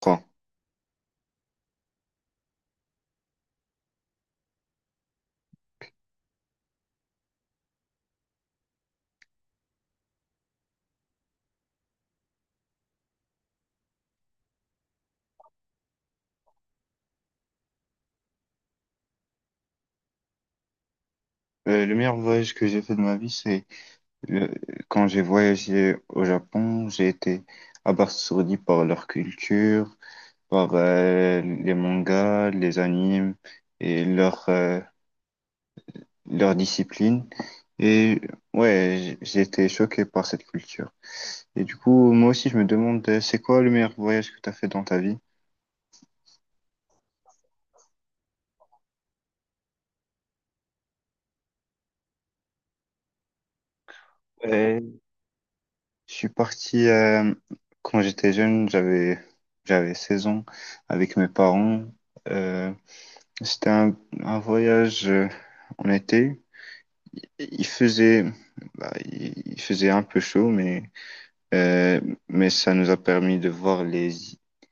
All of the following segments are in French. Quoi? Le meilleur voyage que j'ai fait de ma vie, c'est le- quand j'ai voyagé au Japon, j'ai été abasourdi par leur culture, par les mangas, les animes et leur discipline. Et ouais, j'ai été choqué par cette culture. Et du coup, moi aussi, je me demande, c'est quoi le meilleur voyage que tu as fait dans ta vie? Euh, je suis parti quand j'étais jeune, j'avais 16 ans avec mes parents. euh, C'était un voyage en été. Il faisait, il faisait un peu chaud, euh, mais ça nous a permis de voir les,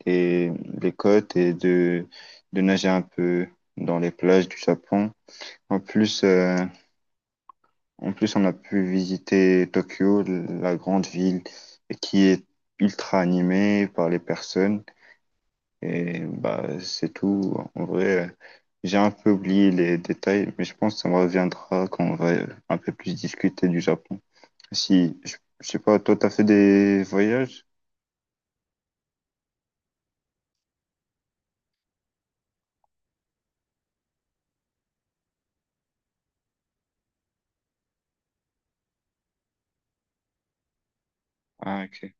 les, les côtes et de nager un peu dans les plages du Japon. En plus, euh, En plus, on a pu visiter Tokyo, la grande ville qui est ultra animée par les personnes. Et bah, c'est tout. En vrai, j'ai un peu oublié les détails, mais je pense que ça me reviendra quand on va un peu plus discuter du Japon. Si, je sais pas, toi, t'as fait des voyages? Ah, ok.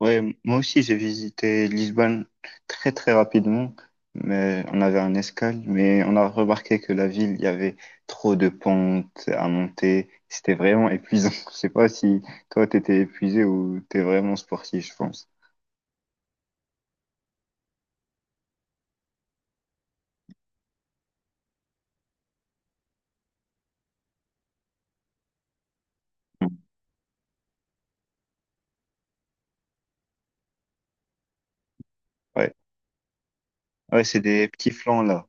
Ouais, moi aussi, j'ai visité Lisbonne très, très rapidement, mais on avait un escale, mais on a remarqué que la ville, il y avait trop de pentes à monter. C'était vraiment épuisant. Je sais pas si toi, t'étais épuisé ou t'es vraiment sportif, je pense. Mm. Ouais. Ah ouais, c'est des petits flans là.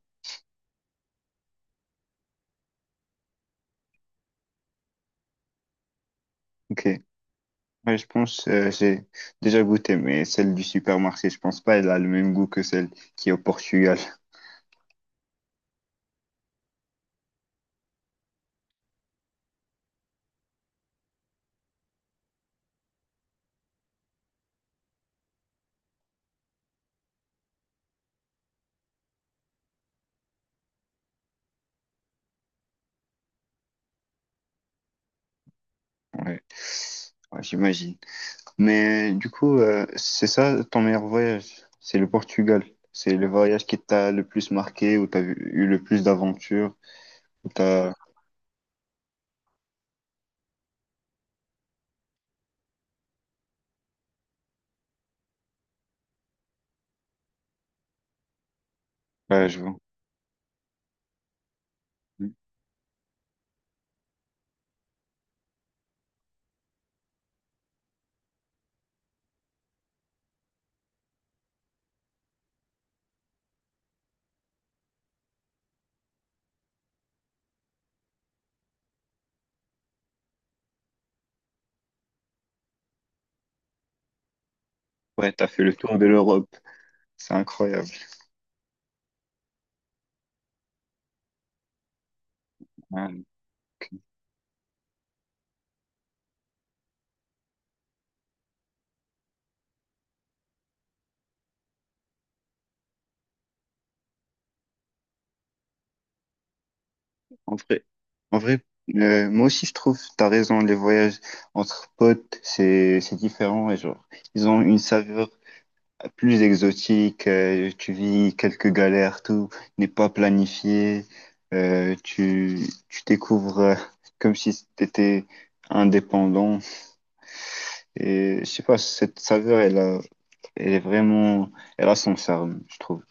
Ok. Ouais, je pense, j'ai déjà goûté, mais celle du supermarché, je pense pas, elle a le même goût que celle qui est au Portugal. Ouais, ouais, j'imagine. Mais du coup, c'est ça ton meilleur voyage? C'est le Portugal. C'est le voyage qui t'a le plus marqué, où eu le plus d'aventures, où t'as, ouais, je vois. Ouais, t'as fait le tour de l'Europe. C'est incroyable. Ouais. En vrai, en vrai, moi aussi je trouve, t'as raison, les voyages entre potes, c'est différent et genre, ils ont une saveur plus exotique, tu vis quelques galères, tout n'est pas planifié, tu découvres comme si t'étais indépendant et je sais pas, cette saveur elle a, elle est vraiment, elle a son charme, je trouve.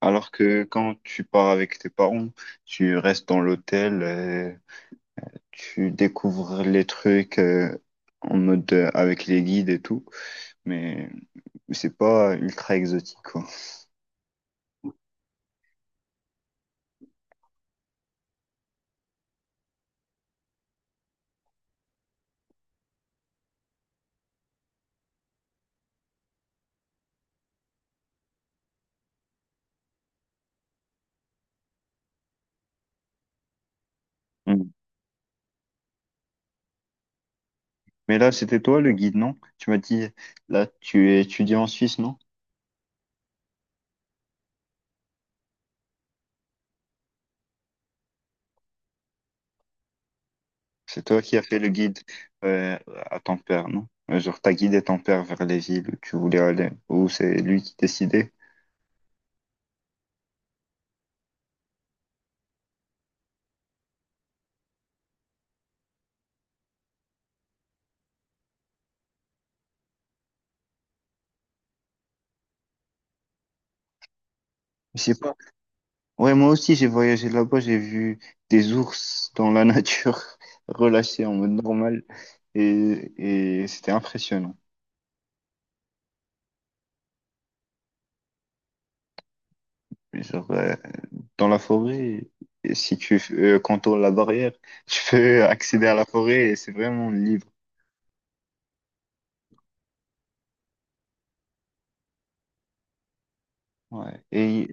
Alors que quand tu pars avec tes parents, tu restes dans l'hôtel. Tu découvres les trucs en mode avec les guides et tout, mais c'est pas ultra exotique, quoi. Mm. Mais là, c'était toi le guide, non? Tu m'as dit, là, tu es étudiant en Suisse, non? C'est toi qui as fait le guide euh, à ton père, non? Genre, t'as guidé ton père vers les villes où tu voulais aller, ou c'est lui qui décidait? Je sais pas. Ouais, moi aussi, j'ai voyagé là-bas, j'ai vu des ours dans la nature, relâchés en mode normal, et c'était impressionnant. Genre, dans la forêt. Et si tu contournes la barrière, tu peux accéder à la forêt et c'est vraiment libre. Ouais.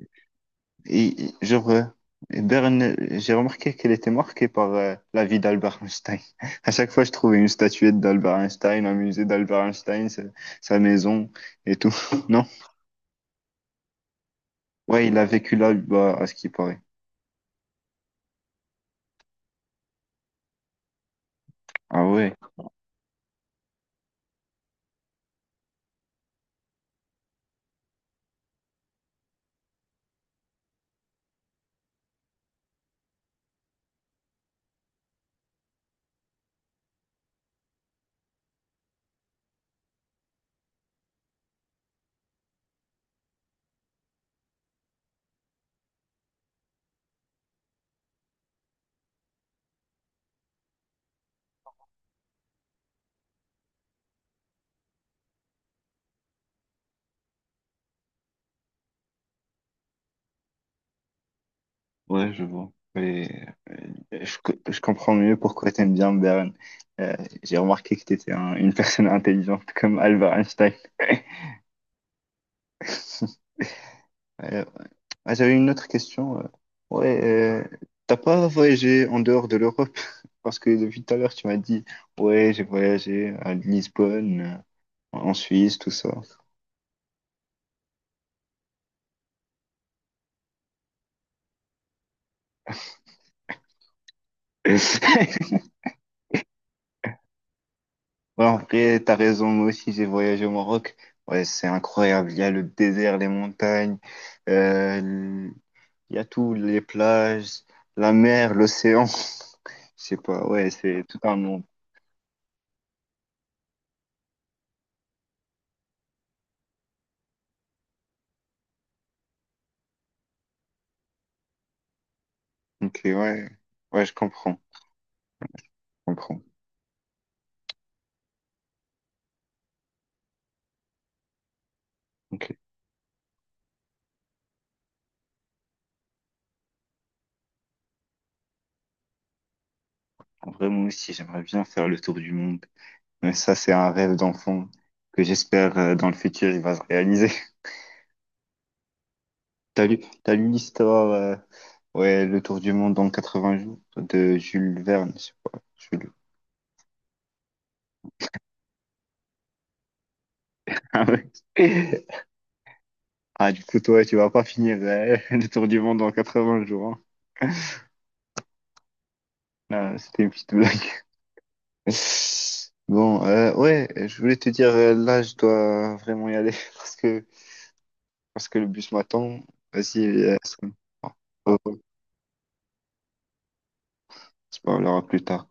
Et genre, Berne, j'ai remarqué qu'elle était marquée par la vie d'Albert Einstein. À chaque fois, je trouvais une statuette d'Albert Einstein, un musée d'Albert Einstein, sa, sa maison et tout. Non? Ouais, il a vécu là, bah, à ce qui paraît. Ah ouais. Ouais, je vois. Et, euh, je comprends mieux pourquoi tu aimes bien Beren. Euh, j'ai remarqué que tu étais une personne intelligente comme Albert Einstein. Euh, J'avais une autre question. Ouais, euh, T'as pas voyagé en dehors de l'Europe? Parce que depuis tout à l'heure, tu m'as dit, ouais, j'ai voyagé à Lisbonne, en Suisse, tout ça. Ouais, en vrai, t'as raison, moi aussi j'ai voyagé au Maroc. Ouais, c'est incroyable. Il y a le désert, les montagnes, euh, l- il y a tout, les plages, la mer, l'océan. Je sais pas, ouais, c'est tout un monde. Ok, ouais, ouais, je comprends, je comprends. Ok. En vrai, moi aussi, j'aimerais bien faire le tour du monde. Mais ça, c'est un rêve d'enfant que j'espère dans le futur, il va se réaliser. T'as lu, t'as lu l'histoire, ouais, le tour du monde en 80 jours de Jules Verne, je sais pas. Jules Ah ouais. Ah, du coup, toi, tu vas pas finir le tour du monde en 80 jours. Hein. Là, c'était une petite blague. Bon, ouais, je voulais te dire, là, je dois vraiment y aller parce que, parce que le bus m'attend. Vas-y, on se parlera plus tard.